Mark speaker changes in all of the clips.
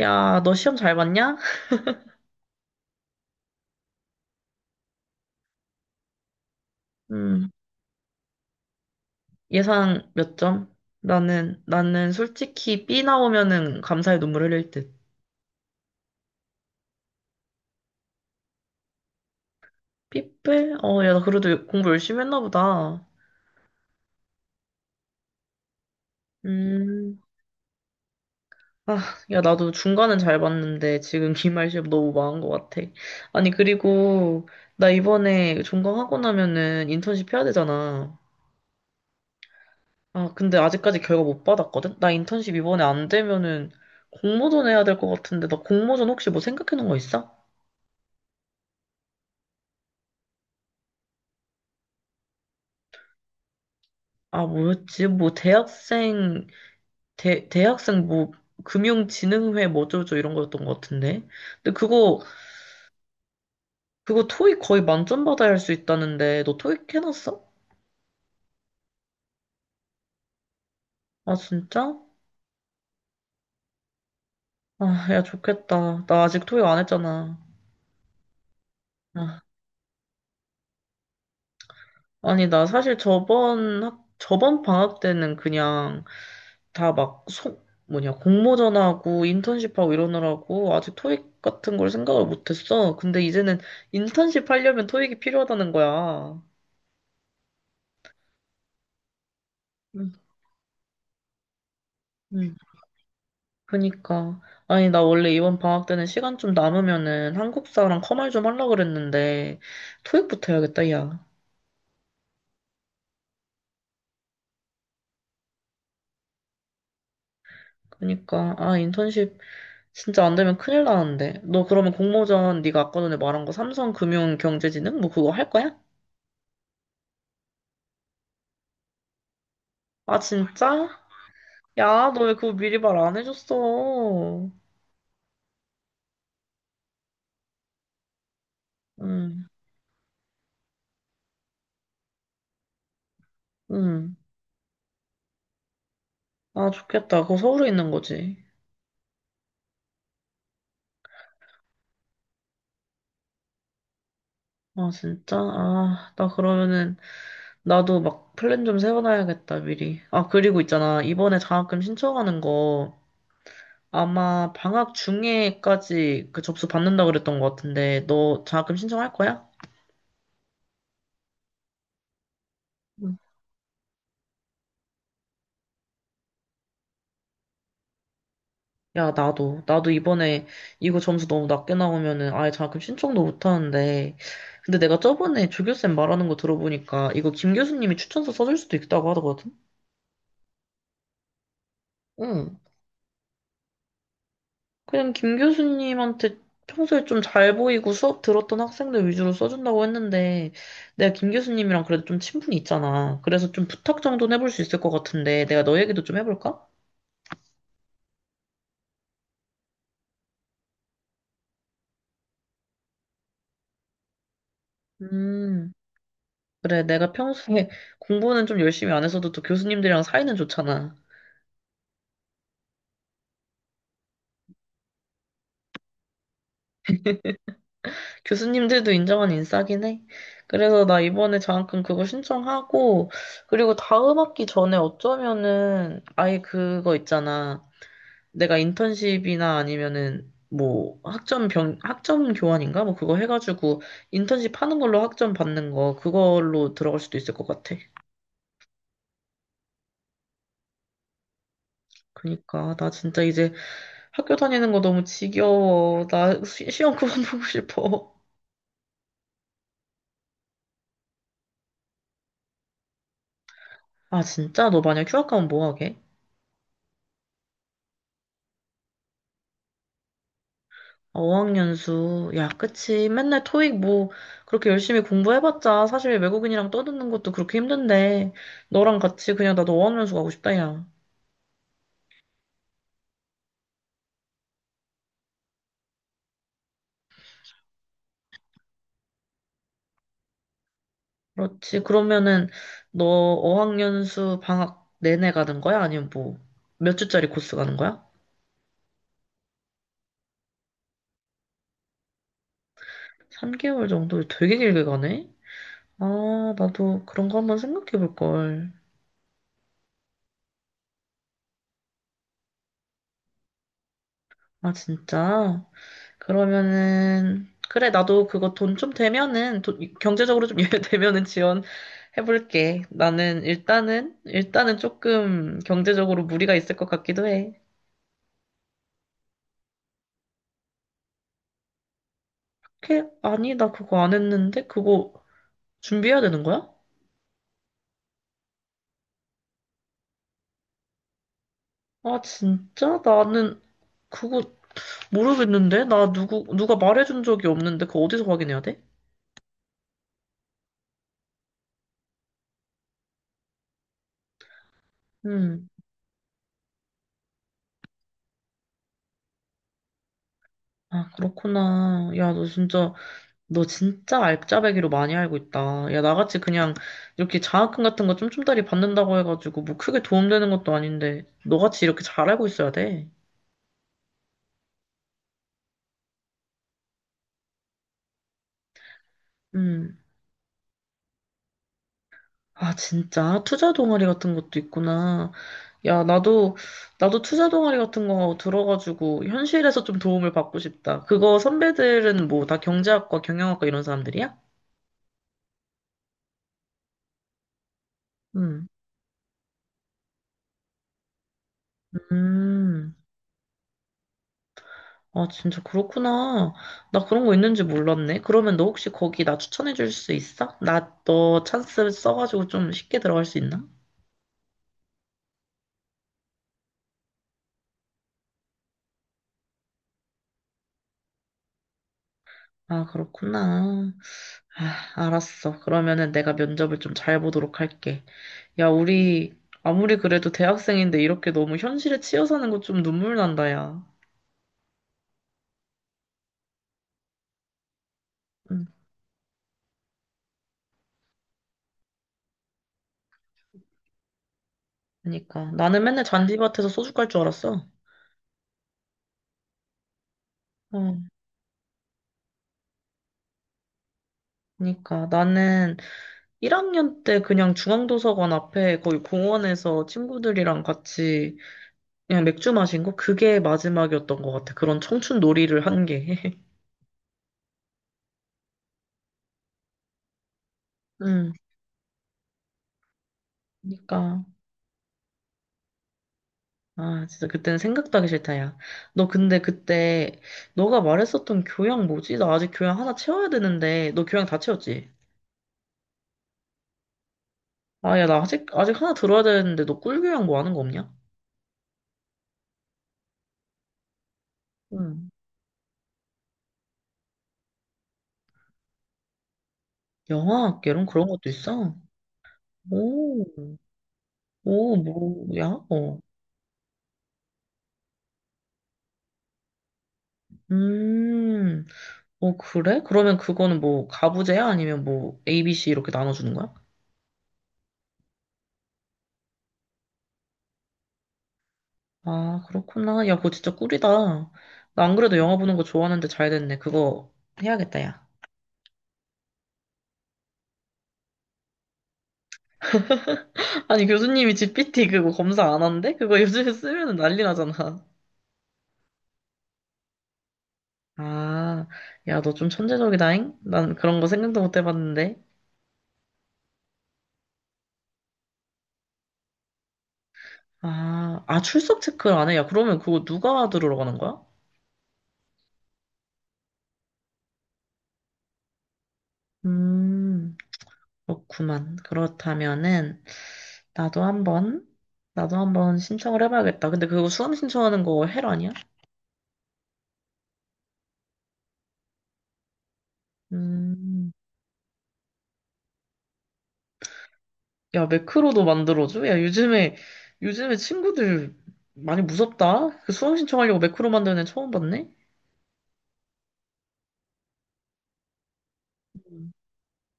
Speaker 1: 야, 너 시험 잘 봤냐? 음, 예상 몇 점? 나는 솔직히 B 나오면은 감사의 눈물 흘릴 듯. 삐뿔? 야, 나 그래도 공부 열심히 했나 보다. 음, 아, 야, 나도 중간은 잘 봤는데 지금 기말 시험 너무 망한 것 같아. 아니, 그리고 나 이번에 종강하고 나면은 인턴십 해야 되잖아. 아, 근데 아직까지 결과 못 받았거든? 나 인턴십 이번에 안 되면은 공모전 해야 될 것 같은데 나 공모전 혹시 뭐 생각해 놓은 거 있어? 아, 뭐였지? 뭐, 대학생, 대학생 뭐, 금융진흥회 뭐 어쩌고저쩌고 이런 거였던 것 같은데. 근데 그거, 그거 토익 거의 만점 받아야 할 수 있다는데, 너 토익 해놨어? 아, 진짜? 아, 야, 좋겠다. 나 아직 토익 안 했잖아. 아, 아니, 나 사실 저번, 저번 방학 때는 그냥 다 막, 소, 뭐냐, 공모전하고 인턴십하고 이러느라고 아직 토익 같은 걸 생각을 못했어. 근데 이제는 인턴십 하려면 토익이 필요하다는 거야. 음. 음, 그니까. 아니, 나 원래 이번 방학 때는 시간 좀 남으면은 한국사랑 커말 좀 하려고 그랬는데, 토익부터 해야겠다, 야. 그니까. 아, 인턴십 진짜 안 되면 큰일 나는데. 너 그러면 공모전 네가 아까 전에 말한 거 삼성금융경제지능? 뭐 그거 할 거야? 아, 진짜? 야, 너 왜 그거 미리 말 안 해줬어? 응, 응. 아, 좋겠다. 그거 서울에 있는 거지. 아, 진짜? 아, 나 그러면은 나도 막 플랜 좀 세워놔야겠다, 미리. 아, 그리고 있잖아. 이번에 장학금 신청하는 거 아마 방학 중에까지 그 접수 받는다 그랬던 것 같은데, 너 장학금 신청할 거야? 응. 야, 나도. 나도 이번에 이거 점수 너무 낮게 나오면은 아예 장학금 신청도 못 하는데. 근데 내가 저번에 조교쌤 말하는 거 들어보니까 이거 김 교수님이 추천서 써줄 수도 있다고 하더거든? 응. 그냥 김 교수님한테 평소에 좀 잘 보이고 수업 들었던 학생들 위주로 써준다고 했는데, 내가 김 교수님이랑 그래도 좀 친분이 있잖아. 그래서 좀 부탁 정도는 해볼 수 있을 것 같은데, 내가 너 얘기도 좀 해볼까? 음, 그래. 내가 평소에 공부는 좀 열심히 안 했어도 또 교수님들이랑 사이는 좋잖아. 교수님들도 인정한 인싸긴 해. 그래서 나 이번에 장학금 그거 신청하고, 그리고 다음 학기 전에 어쩌면은 아예 그거 있잖아. 내가 인턴십이나 아니면은 뭐 학점 병 학점 교환인가 뭐 그거 해가지고 인턴십 하는 걸로 학점 받는 거 그걸로 들어갈 수도 있을 것 같아. 그니까 나 진짜 이제 학교 다니는 거 너무 지겨워. 나 시험 그만 보고 싶어. 아 진짜 너 만약 휴학 가면 뭐 하게? 아, 어학연수 야 그치 맨날 토익 뭐 그렇게 열심히 공부해봤자 사실 외국인이랑 떠드는 것도 그렇게 힘든데 너랑 같이 그냥 나도 어학연수 가고 싶다 야. 그렇지. 그러면은 너 어학연수 방학 내내 가는 거야? 아니면 뭐 몇 주짜리 코스 가는 거야? 3개월 정도 되게 길게 가네? 아, 나도 그런 거 한번 생각해 볼 걸. 아, 진짜? 그러면은 그래, 나도 그거 돈 좀 되면은 경제적으로 좀 여유되면은 지원해 볼게. 나는 일단은 조금 경제적으로 무리가 있을 것 같기도 해. 오 아니, 나 그거 안 했는데 그거 준비해야 되는 거야? 아, 진짜? 나는 그거 모르겠는데? 나 누가 말해준 적이 없는데 그거 어디서 확인해야 돼? 음. 아, 그렇구나. 너 진짜 알짜배기로 많이 알고 있다. 야, 나같이 그냥 이렇게 장학금 같은 거 쫌쫌다리 받는다고 해가지고 뭐 크게 도움되는 것도 아닌데 너같이 이렇게 잘 알고 있어야 돼. 음. 아, 진짜? 투자 동아리 같은 것도 있구나. 야, 나도, 나도 투자 동아리 같은 거 들어가지고 현실에서 좀 도움을 받고 싶다. 그거 선배들은 뭐 다 경제학과, 경영학과 이런 사람들이야? 음. 음. 아, 진짜 그렇구나. 나 그런 거 있는지 몰랐네. 그러면 너 혹시 거기 나 추천해 줄 수 있어? 나 너 찬스 써가지고 좀 쉽게 들어갈 수 있나? 아, 그렇구나. 아, 알았어. 그러면은 내가 면접을 좀 잘 보도록 할게. 야, 우리 아무리 그래도 대학생인데 이렇게 너무 현실에 치여 사는 거 좀 눈물 난다, 야. 응, 그니까. 나는 맨날 잔디밭에서 소주 깔 줄 알았어. 어, 그니까. 나는 1학년 때 그냥 중앙도서관 앞에 거의 공원에서 친구들이랑 같이 그냥 맥주 마신 거? 그게 마지막이었던 것 같아. 그런 청춘 놀이를 한 게. 응, 그니까. 아, 진짜 그때는 생각도 하기 싫다, 야. 너 근데 그때, 너가 말했었던 교양 뭐지? 나 아직 교양 하나 채워야 되는데, 너 교양 다 채웠지? 야, 나 아직 하나 들어야 되는데, 너 꿀교양 뭐 하는 거 없냐? 응. 영화학, 이런 그런 것도 있어? 오, 오, 뭐야? 어. 음, 어, 그래? 그러면 그거는 뭐, 가부제야? 아니면 뭐, ABC 이렇게 나눠주는 거야? 아, 그렇구나. 야, 그거 진짜 꿀이다. 나 안 그래도 영화 보는 거 좋아하는데 잘 됐네. 그거 해야겠다, 야. 아니, 교수님이 GPT 그거 검사 안 한대? 그거 요즘에 쓰면은 난리 나잖아. 아, 야, 너 좀 천재적이다잉? 난 그런 거 생각도 못 해봤는데. 아, 출석 체크를 안 해? 야, 그러면 그거 누가 들으러 가는 거야? 음, 그렇구만. 그렇다면은, 나도 한번, 나도 한번 신청을 해봐야겠다. 근데 그거 수강 신청하는 거 헬 아니야? 음, 야, 매크로도 만들어줘? 요즘에 친구들 많이 무섭다? 그 수강 신청하려고 매크로 만드는 애 처음 봤네?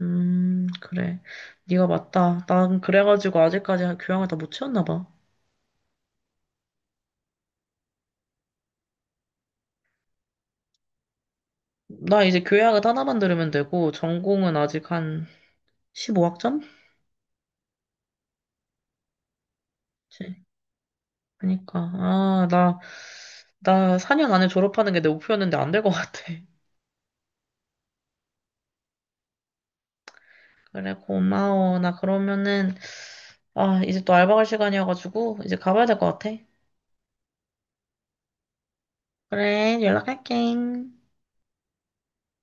Speaker 1: 그래. 네가 맞다. 난 그래가지고 아직까지 교양을 다 못 채웠나 봐. 나 이제 교양을 하나만 들으면 되고, 전공은 아직 한 15학점? 그치? 그니까. 나 4년 안에 졸업하는 게 내 목표였는데 안 될 것 같아. 그래, 고마워. 나 그러면은, 아, 이제 또 알바 갈 시간이어가지고, 이제 가봐야 될 것 같아. 그래, 연락할게.